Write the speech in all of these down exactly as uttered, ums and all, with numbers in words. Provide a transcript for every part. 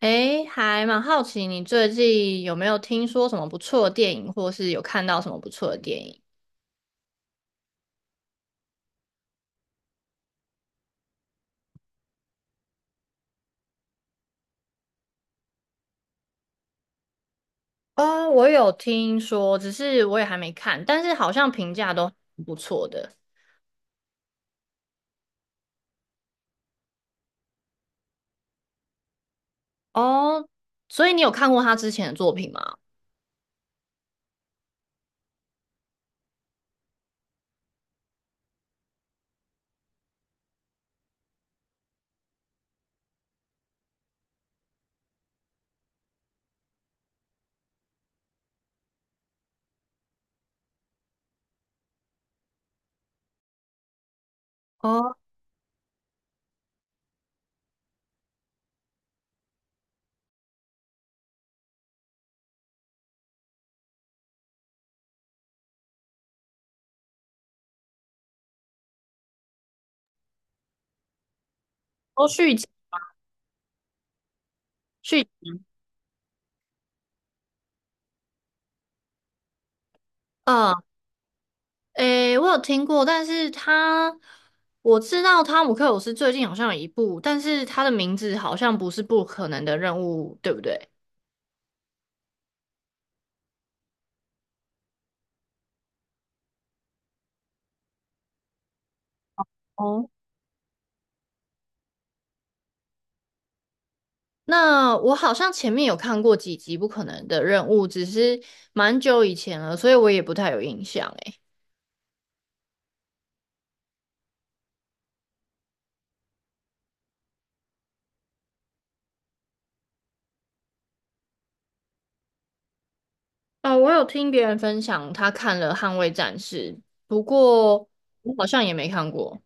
诶，还蛮好奇你最近有没有听说什么不错的电影，或是有看到什么不错的电影？哦，我有听说，只是我也还没看，但是好像评价都不错的。哦，所以你有看过他之前的作品吗？哦，哦，续集续啊，嗯，诶，我有听过，但是他我知道汤姆克鲁斯最近好像有一部，但是他的名字好像不是《不可能的任务》，对不对？那我好像前面有看过几集《不可能的任务》，只是蛮久以前了，所以我也不太有印象诶。哦，我有听别人分享他看了《捍卫战士》，不过我好像也没看过。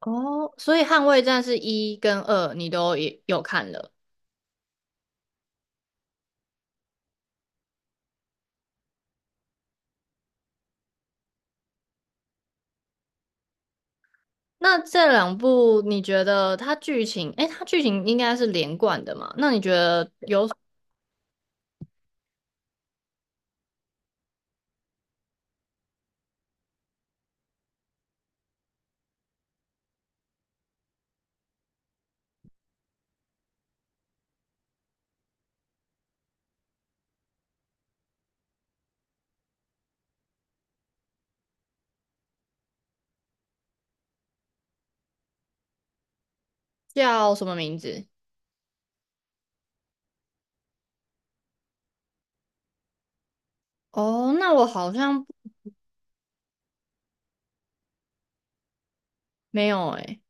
哦，所以《捍卫战士》一跟二你都也有看了。那这两部你觉得它剧情，诶，它剧情应该是连贯的嘛？那你觉得叫什么名字？哦，那我好像没有诶。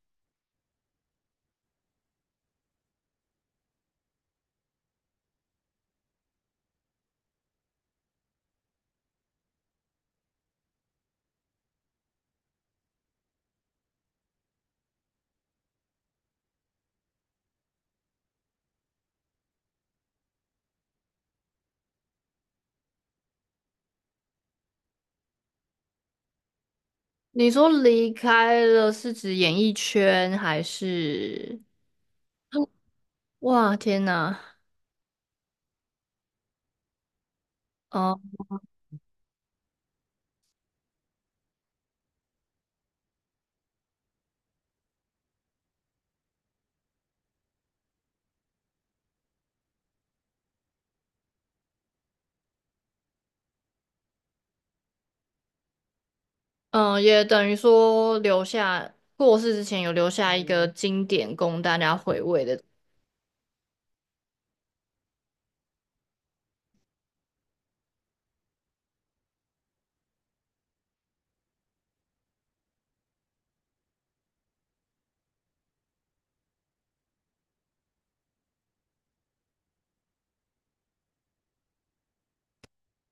你说离开了是指演艺圈还是？哇，天呐。嗯嗯，也等于说留下过世之前有留下一个经典供大家回味的。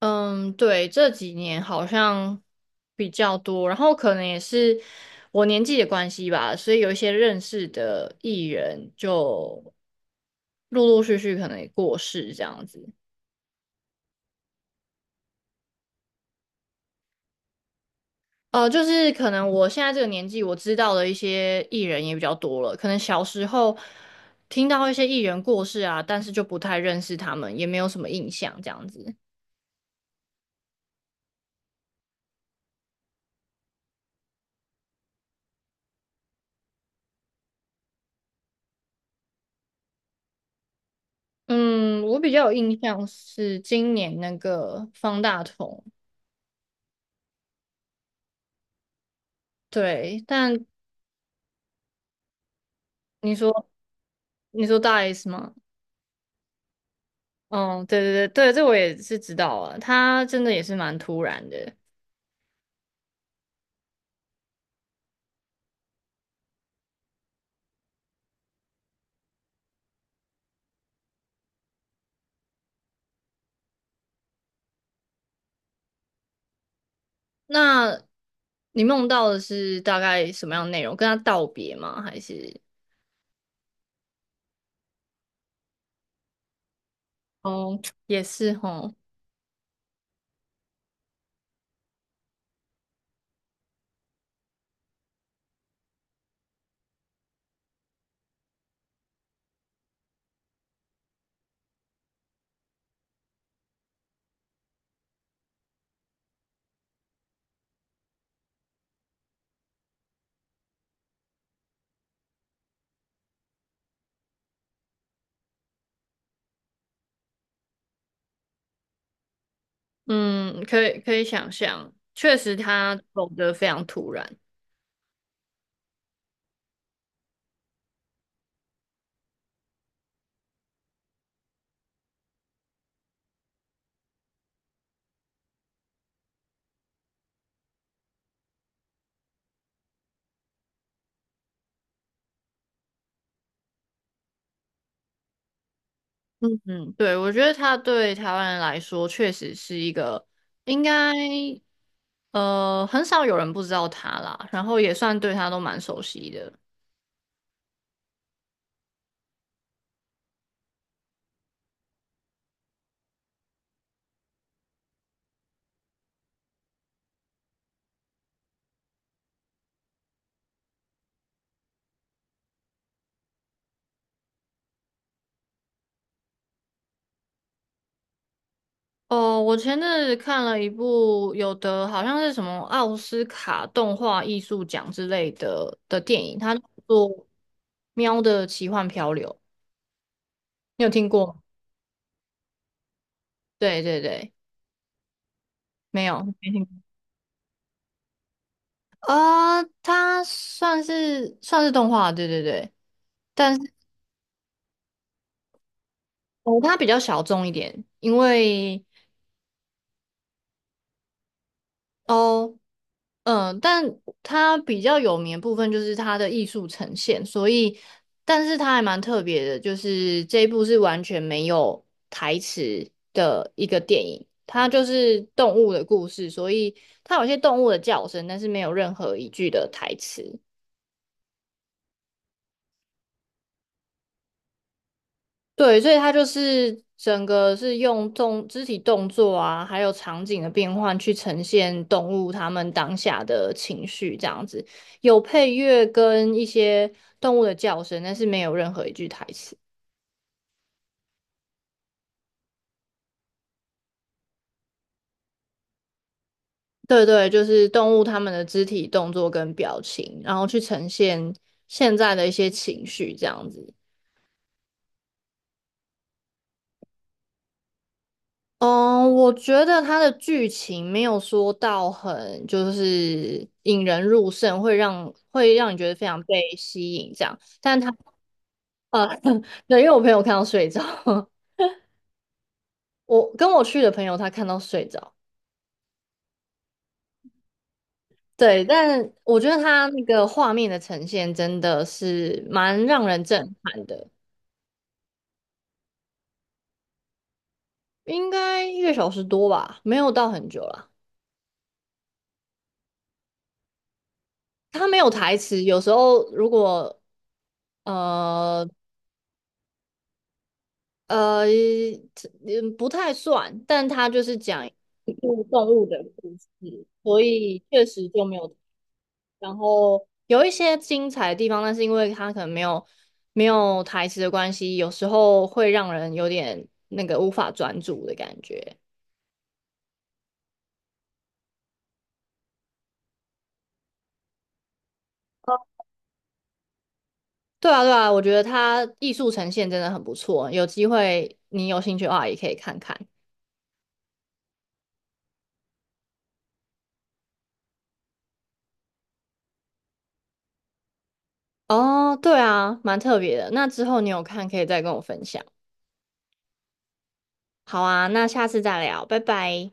嗯，对，这几年好像比较多，然后可能也是我年纪的关系吧，所以有一些认识的艺人就陆陆续续可能也过世这样子。呃，就是可能我现在这个年纪，我知道的一些艺人也比较多了。可能小时候听到一些艺人过世啊，但是就不太认识他们，也没有什么印象这样子。嗯，我比较有印象是今年那个方大同，对。但你说你说大 S 吗？嗯，对对对对，这我也是知道啊。他真的也是蛮突然的。那你梦到的是大概什么样的内容？跟他道别吗？还是？哦，也是哦。嗯，可以可以想象，确实他走得非常突然。嗯，对，我觉得他对台湾人来说确实是一个应该呃很少有人不知道他啦，然后也算对他都蛮熟悉的。哦，我前阵子看了一部有的好像是什么奥斯卡动画艺术奖之类的的电影，他做《喵的奇幻漂流》，你有听过吗？对对对，没有。没听。啊，它算是算是动画，对对对，但是哦，它比较小众一点，因为哦，嗯、但它比较有名的部分就是它的艺术呈现，所以，但是它还蛮特别的，就是这一部是完全没有台词的一个电影，它就是动物的故事，所以它有些动物的叫声，但是没有任何一句的台词。对，所以它就是整个是用动肢体动作啊，还有场景的变换去呈现动物它们当下的情绪，这样子有配乐跟一些动物的叫声，但是没有任何一句台词。对对，就是动物它们的肢体动作跟表情，然后去呈现现在的一些情绪，这样子。嗯，我觉得它的剧情没有说到很就是引人入胜，会让会让你觉得非常被吸引这样。但它呃，对，因为我朋友看到睡着，我跟我去的朋友他看到睡着，对，但我觉得它那个画面的呈现真的是蛮让人震撼的，应该一个小时多吧，没有到很久啦。它没有台词，有时候如果呃呃，嗯，不太算，但它就是讲一部动物的故事，所以确实就没有。然后有一些精彩的地方，但是因为它可能没有没有台词的关系，有时候会让人有点那个无法专注的感觉。对啊，对啊，我觉得它艺术呈现真的很不错，有机会你有兴趣的话也可以看看。哦，对啊，蛮特别的。那之后你有看可以再跟我分享。好啊，那下次再聊，拜拜。